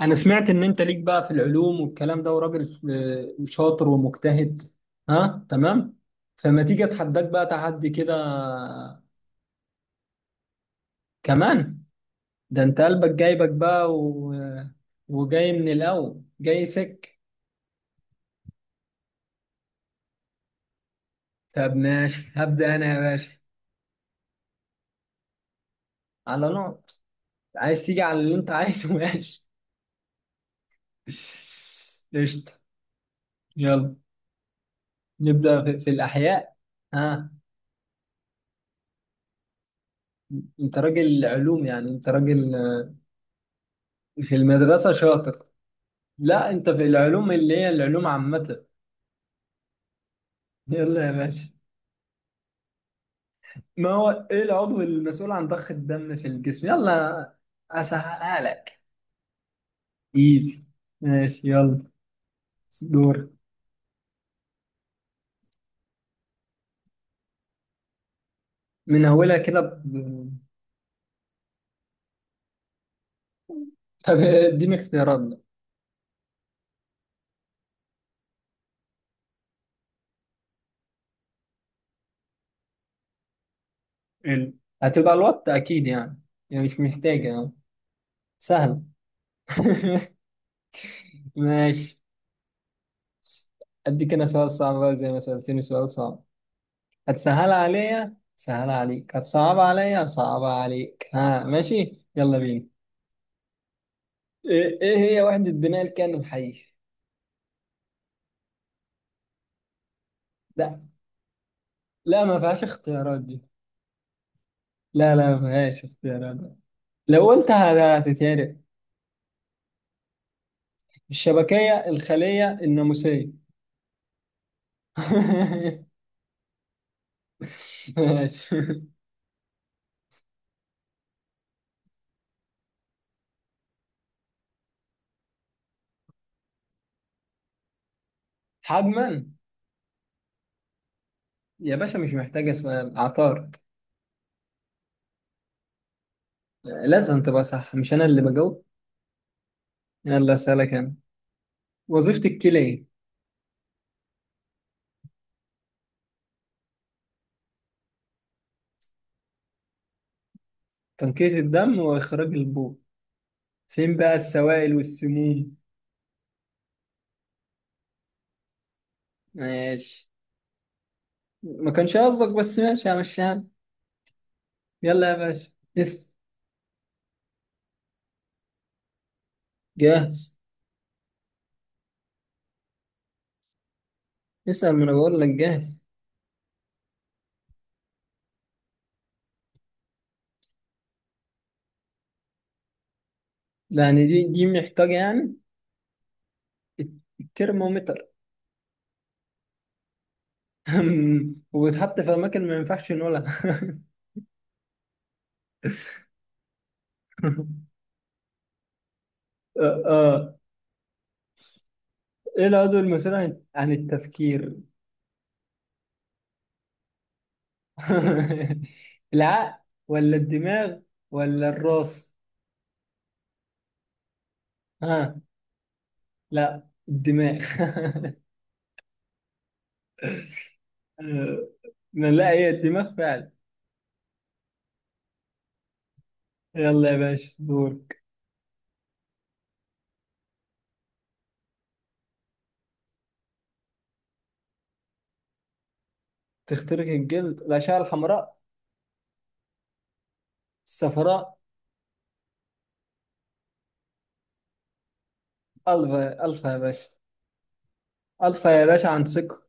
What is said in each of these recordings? انا سمعت ان انت ليك بقى في العلوم والكلام ده وراجل شاطر ومجتهد. ها، تمام. فما تيجي اتحداك بقى تحدي كده كمان. ده انت قلبك جايبك بقى و... وجاي من الاول جاي سك. طب ماشي، هبدأ انا يا باشا على نقط. عايز تيجي على اللي انت عايزه ماشي. قشطة. يلا نبدأ في الاحياء. ها، انت راجل علوم، يعني انت راجل، في المدرسة شاطر. لا، انت في العلوم اللي هي العلوم عامة. يلا يا باشا، ما هو ايه العضو المسؤول عن ضخ الدم في الجسم؟ يلا، اسهلها لك. ايزي. ماشي يلا دور. من اولها كده ب... طب اديني اختيارات بقى. ال- هتبقى الوات اكيد يعني. يعني مش محتاجة يعني. سهل. ماشي. اديك انا سؤال صعب بقى زي ما سألتني سؤال صعب. هتسهلها عليا سهلها عليك، هتصعبها عليا هصعبها عليك. ها، ماشي يلا بينا. إيه هي وحدة بناء الكائن الحي؟ لا. لا، ما فيهاش اختيارات دي. لا لا، ما فيهاش اختيارات. لو قلتها هتتهرق. الشبكية، الخلية، الناموسية. ماشي. حجما. يا باشا، مش محتاجة سؤال، عطارد. لازم تبقى صح، مش أنا اللي بجاوب. يلا أسألك أنا. وظيفة الكلى إيه؟ تنقية الدم وإخراج البول. فين بقى السوائل والسموم؟ ماشي، ما كانش قصدك بس ماشي، همشيها. يلا يا باشا، اسأل. جاهز. اسأل، ما انا بقول لك جاهز. يعني دي محتاجة يعني؟ الترمومتر. وبتحط في أماكن ما ينفعش نقولها. آه، آه. إيه العضو المسؤول عن التفكير؟ العقل. ولا الدماغ؟ ولا الراس؟ ها. لا، الدماغ. آه، لا، هي الدماغ فعلا. يلا يا باشا دورك. تخترق الجلد، الأشعة الحمراء. الصفراء. الفا، الفا يا باشا. الفا يا باشا عن ثقة.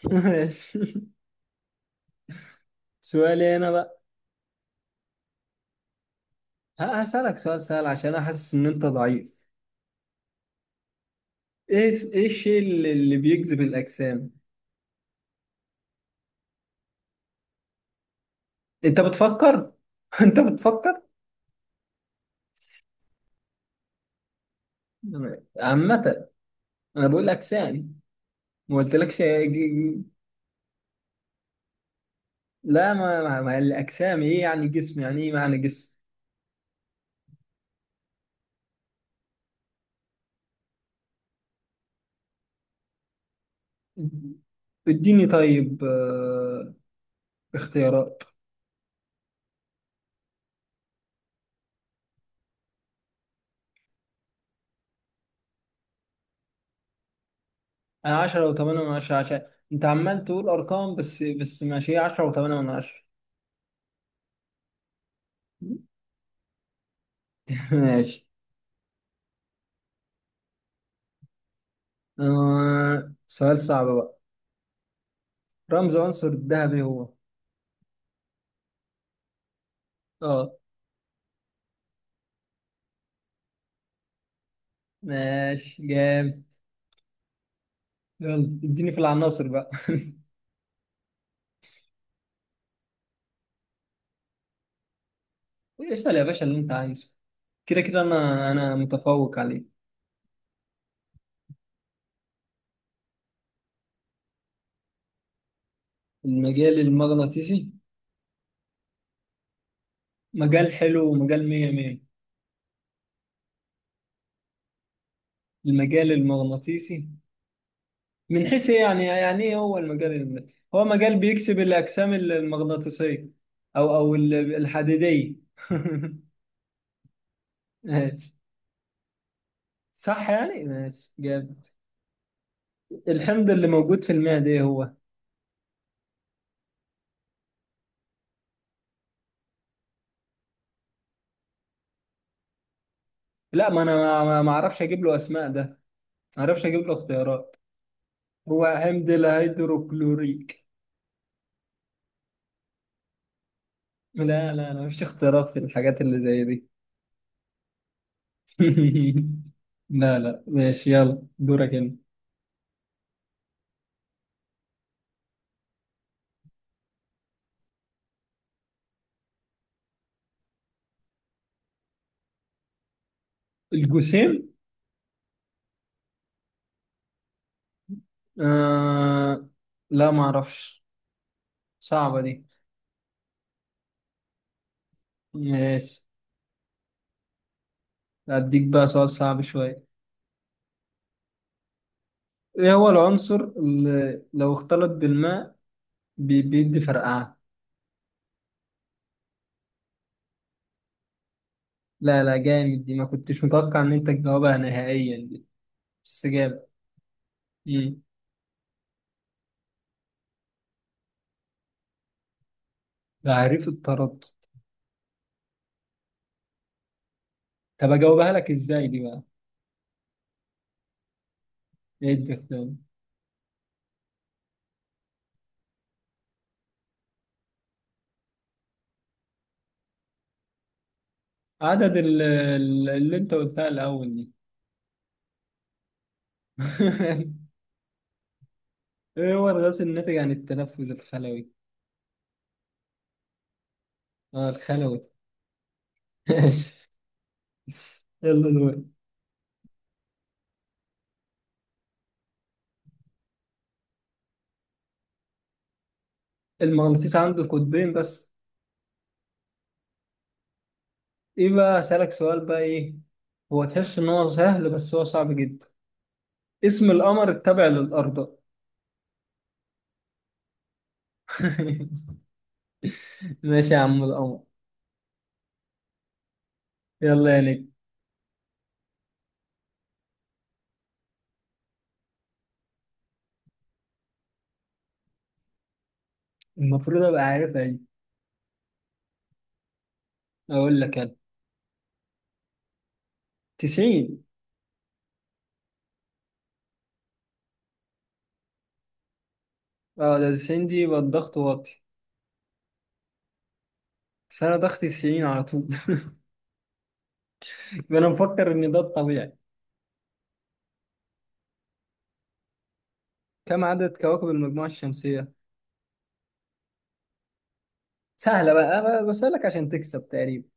ماشي. سؤالي انا بقى. هسألك سؤال سهل عشان انا حاسس ان انت ضعيف. ايه الشيء اللي بيجذب الاجسام؟ انت بتفكر. انت بتفكر. عامة، انا بقول اجسام. ما قلتلكش لا، ما الاجسام ايه، يعني جسم يعني ايه معنى جسم. اديني طيب، اختيارات. انا 10 و8 من 10 عشان انت عمال تقول ارقام بس ماشي، هي 10 و8 من 10. ماشي. آه... سؤال صعب بقى، رمز عنصر الذهبي هو. اه. ماشي جامد. يلا، اديني في العناصر بقى. اسأل يا باشا اللي انت عايزه. كده كده انا متفوق عليه. المجال المغناطيسي. مجال حلو ومجال مية مية. المجال المغناطيسي من حيث إيه يعني؟ يعني ايه هو هو مجال بيكسب الاجسام المغناطيسيه، او الحديديه. ماشي. صح يعني، ماشي جامد. الحمض اللي موجود في المعده ايه هو؟ لا، ما انا ما ما اعرفش اجيب له اسماء ده، ما اعرفش اجيب له اختيارات. هو حمض الهيدروكلوريك. لا. لا لا، مفيش اختيارات في الحاجات اللي زي دي. لا لا، ماشي يلا دورك انت. الجسيم. آه. لا، ما اعرفش، صعبة دي. ماشي. أديك بقى سؤال صعب شوية. إيه هو العنصر اللي لو اختلط بالماء بيدي فرقعة؟ لا لا، جامد دي، ما كنتش متوقع إن أنت تجاوبها نهائيا دي، بس جامد. مم. تعريف التردد. طب أجاوبها لك إزاي دي بقى؟ إيه الدخدام؟ عدد اللي أنت قلتها الأول دي. إيه هو الغاز الناتج عن التنفس الخلوي؟ آه، الخلوي. ماشي يلا دور. المغناطيس عنده قطبين بس. ايه بقى اسألك سؤال بقى، ايه. هو تحس ان هو سهل بس هو صعب جدا. اسم القمر التابع للأرض. ماشي يا عم، القمر. يلا يا نجم. المفروض ابقى عارفها دي. اقول لك انا، 90. اه، ده 90 دي يبقى الضغط واطي. بس انا ضغطي 90 على طول. انا مفكر ان ده الطبيعي. كم عدد كواكب المجموعة الشمسية؟ سهلة بقى، أنا بسألك عشان تكسب تقريبا.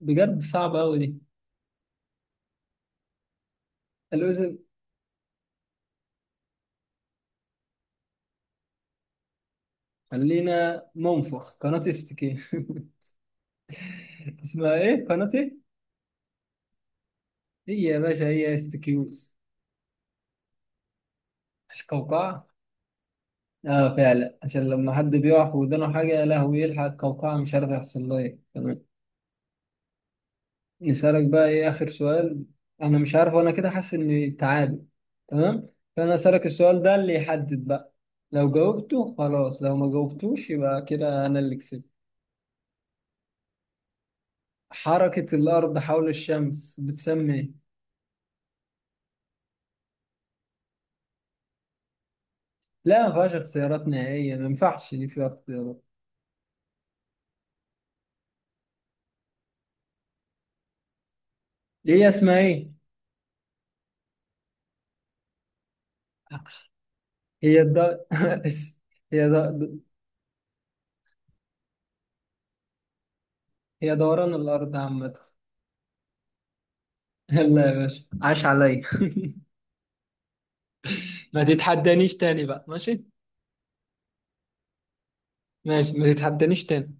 بجد صعبة أوي دي. الأذن. خلينا منفخ قناة استكين. اسمها ايه قناة إيه؟ هي يا باشا هي استكيوز. القوقعة. اه فعلا، عشان لما حد بيقع في ودانه حاجة يا لهوي يلحق القوقعة، مش عارف يحصل لها ايه، تمام. نسألك بقى ايه آخر سؤال، أنا مش عارف، وأنا كده حاسس إني تعادل، تمام. فأنا أسألك السؤال ده اللي يحدد بقى، لو جاوبته خلاص، لو ما جاوبتوش يبقى كده أنا اللي كسبت. حركة الأرض حول الشمس بتسمى ايه؟ لا، ما فيهاش اختيارات نهائية، ما ينفعش دي فيها اختيارات. هي اسمها ايه؟ هي الد... هي ده. هي دوران الأرض عامة. يلا يا باشا، عاش عليا. ما تتحدانيش تاني بقى، ماشي. ماشي، ما تتحدانيش تاني.